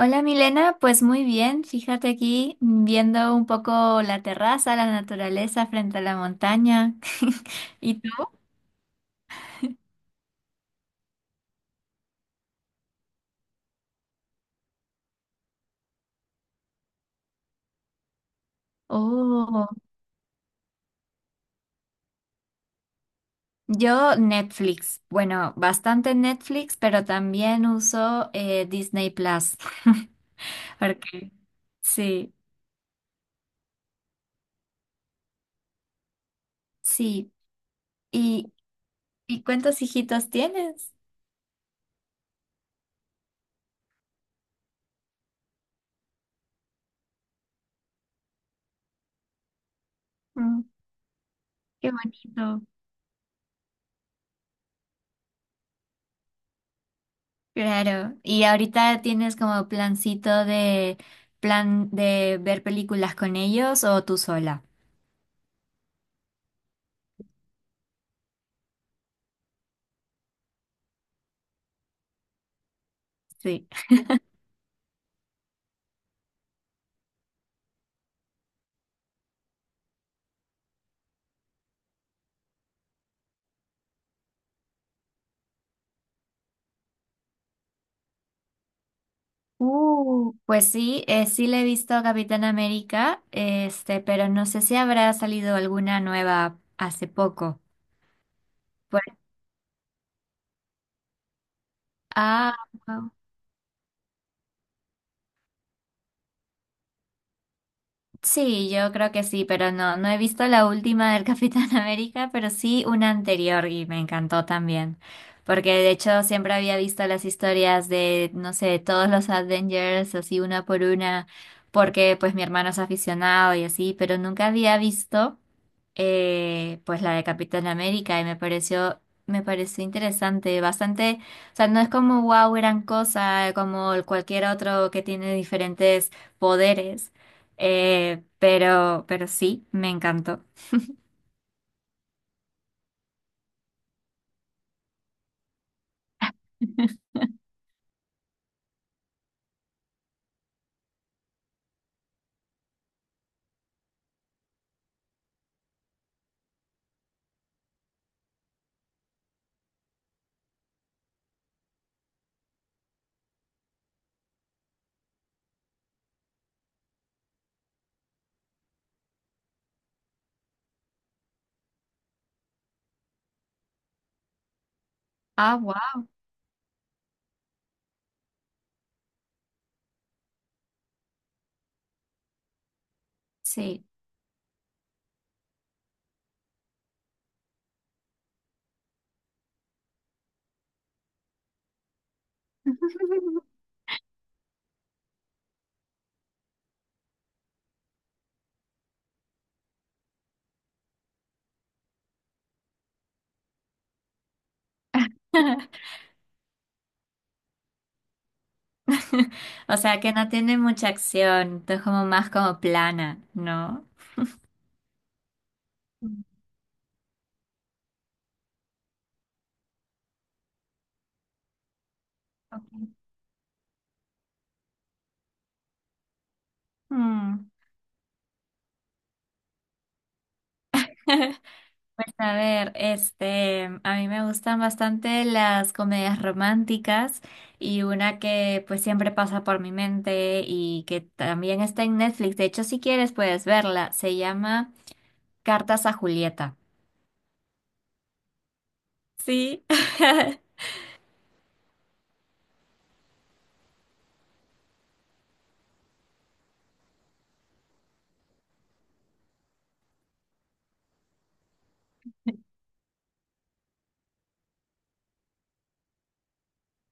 Hola Milena, pues muy bien, fíjate aquí viendo un poco la terraza, la naturaleza frente a la montaña. ¿Y tú? Oh, yo Netflix. Bueno, bastante Netflix, pero también uso Disney Plus. Porque sí, sí. ¿Y, y cuántos hijitos tienes? Mm, qué bonito. Claro, y ahorita tienes como plancito de plan de ver películas con ellos o tú sola. Sí. Pues sí, sí le he visto a Capitán América, este, pero no sé si habrá salido alguna nueva hace poco. Pues, ah, sí, yo creo que sí, pero no, no he visto la última del Capitán América, pero sí una anterior y me encantó también, porque de hecho siempre había visto las historias de, no sé, todos los Avengers, así una por una, porque pues mi hermano es aficionado y así, pero nunca había visto pues la de Capitán América y me pareció interesante, bastante, o sea, no es como wow, gran cosa, como cualquier otro que tiene diferentes poderes, pero sí, me encantó. Ah, wow, sí. O sea, que no tiene mucha acción, es como más como plana, ¿no? Mm, ok. Mm. Pues a ver, este, a mí me gustan bastante las comedias románticas y una que pues siempre pasa por mi mente y que también está en Netflix. De hecho, si quieres puedes verla. Se llama Cartas a Julieta. Sí.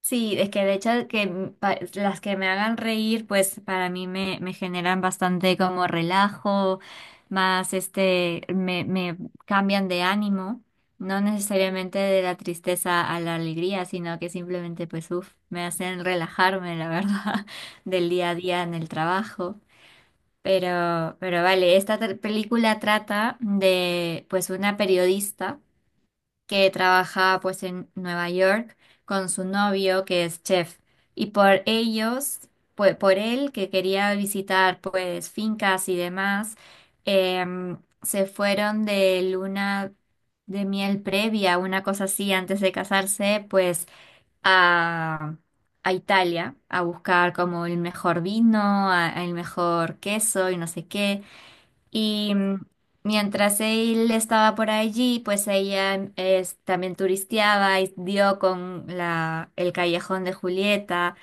Sí, es que de hecho que m- pa- las que me hagan reír, pues para mí me, me generan bastante como relajo, más este, me cambian de ánimo, no necesariamente de la tristeza a la alegría, sino que simplemente pues uff, me hacen relajarme, la verdad, del día a día en el trabajo. Pero vale, esta tra- película trata de pues una periodista que trabaja pues en Nueva York con su novio que es chef y por ellos, pues por él que quería visitar pues fincas y demás, se fueron de luna de miel previa, una cosa así antes de casarse, pues a, a Italia a buscar como el mejor vino, a- el mejor queso y no sé qué. Y mientras él estaba por allí, pues ella es- también turisteaba y dio con la, el callejón de Julieta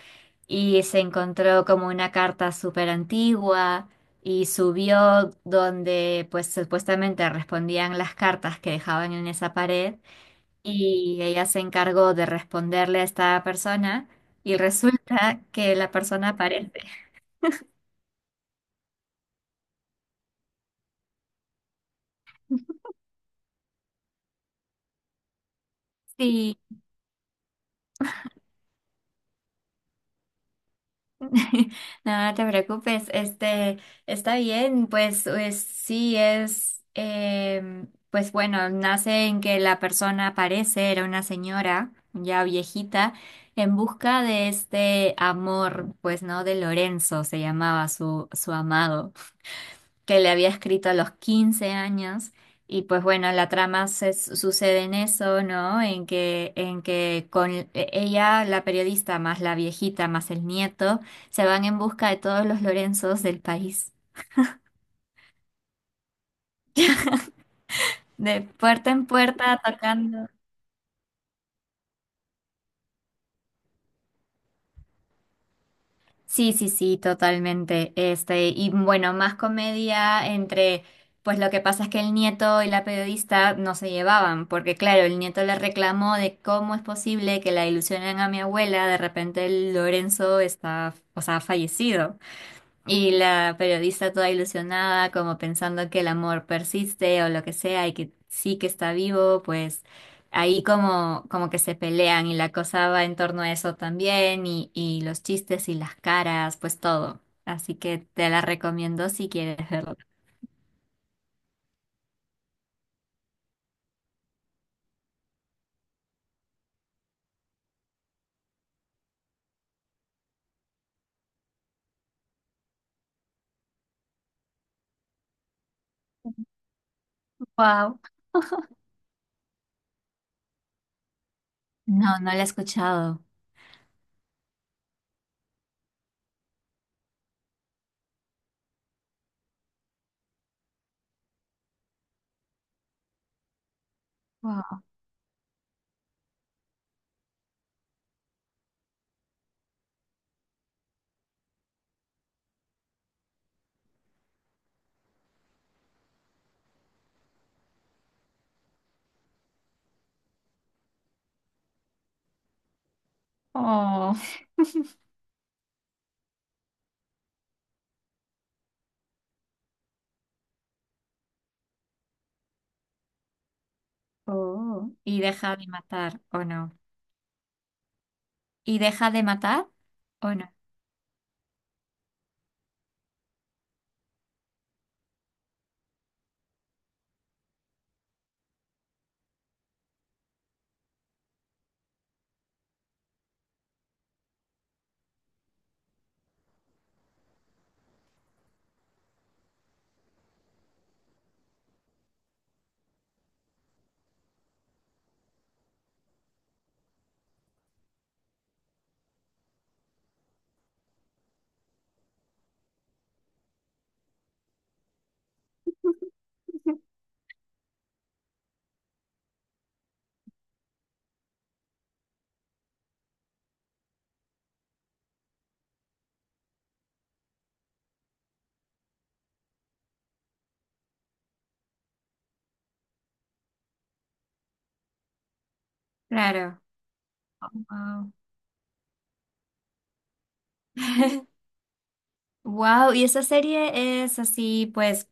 y se encontró como una carta súper antigua y subió donde pues supuestamente respondían las cartas que dejaban en esa pared y ella se encargó de responderle a esta persona y resulta que la persona aparece. No, no te preocupes, este, está bien, pues, pues, sí es, pues bueno, nace en que la persona aparece, era una señora ya viejita, en busca de este amor, pues no, de Lorenzo se llamaba su, su amado que le había escrito a los 15 años. Y pues bueno, la trama se, sucede en eso, ¿no? En que con e- ella, la periodista, más la viejita, más el nieto, se van en busca de todos los Lorenzos del país. De puerta en puerta, tocando. Sí, sí, sí, totalmente. Este, y bueno, más comedia entre, pues lo que pasa es que el nieto y la periodista no se llevaban, porque claro, el nieto le reclamó de cómo es posible que la ilusionen a mi abuela, de repente el Lorenzo está, o sea, ha fallecido. Y la periodista toda ilusionada, como pensando que el amor persiste o lo que sea y que sí que está vivo, pues ahí como, como que se pelean y la cosa va en torno a eso también y los chistes y las caras, pues todo. Así que te la recomiendo si quieres verlo. Wow. No, no la he escuchado. Wow. Oh. Oh, ¿y deja de matar, o no? ¿Y deja de matar? ¿O no? Claro. Oh, wow. Wow, ¿y esa serie es así, pues,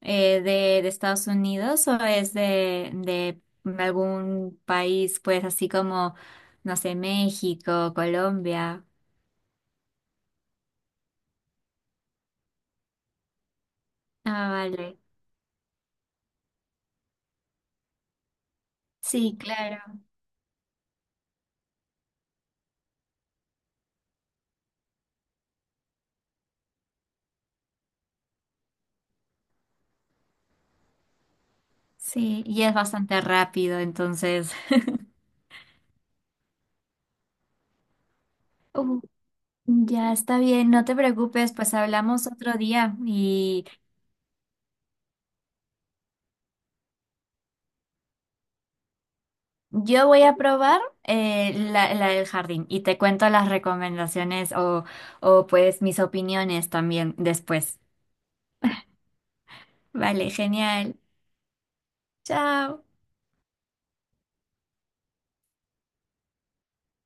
de Estados Unidos o es de algún país, pues, así como, no sé, México, Colombia? Ah, vale. Sí, claro. Sí, y es bastante rápido, entonces. Uh, ya está bien, no te preocupes, pues hablamos otro día. Yo voy a probar la, la del jardín y te cuento las recomendaciones o pues mis opiniones también después. Vale, genial. Chao.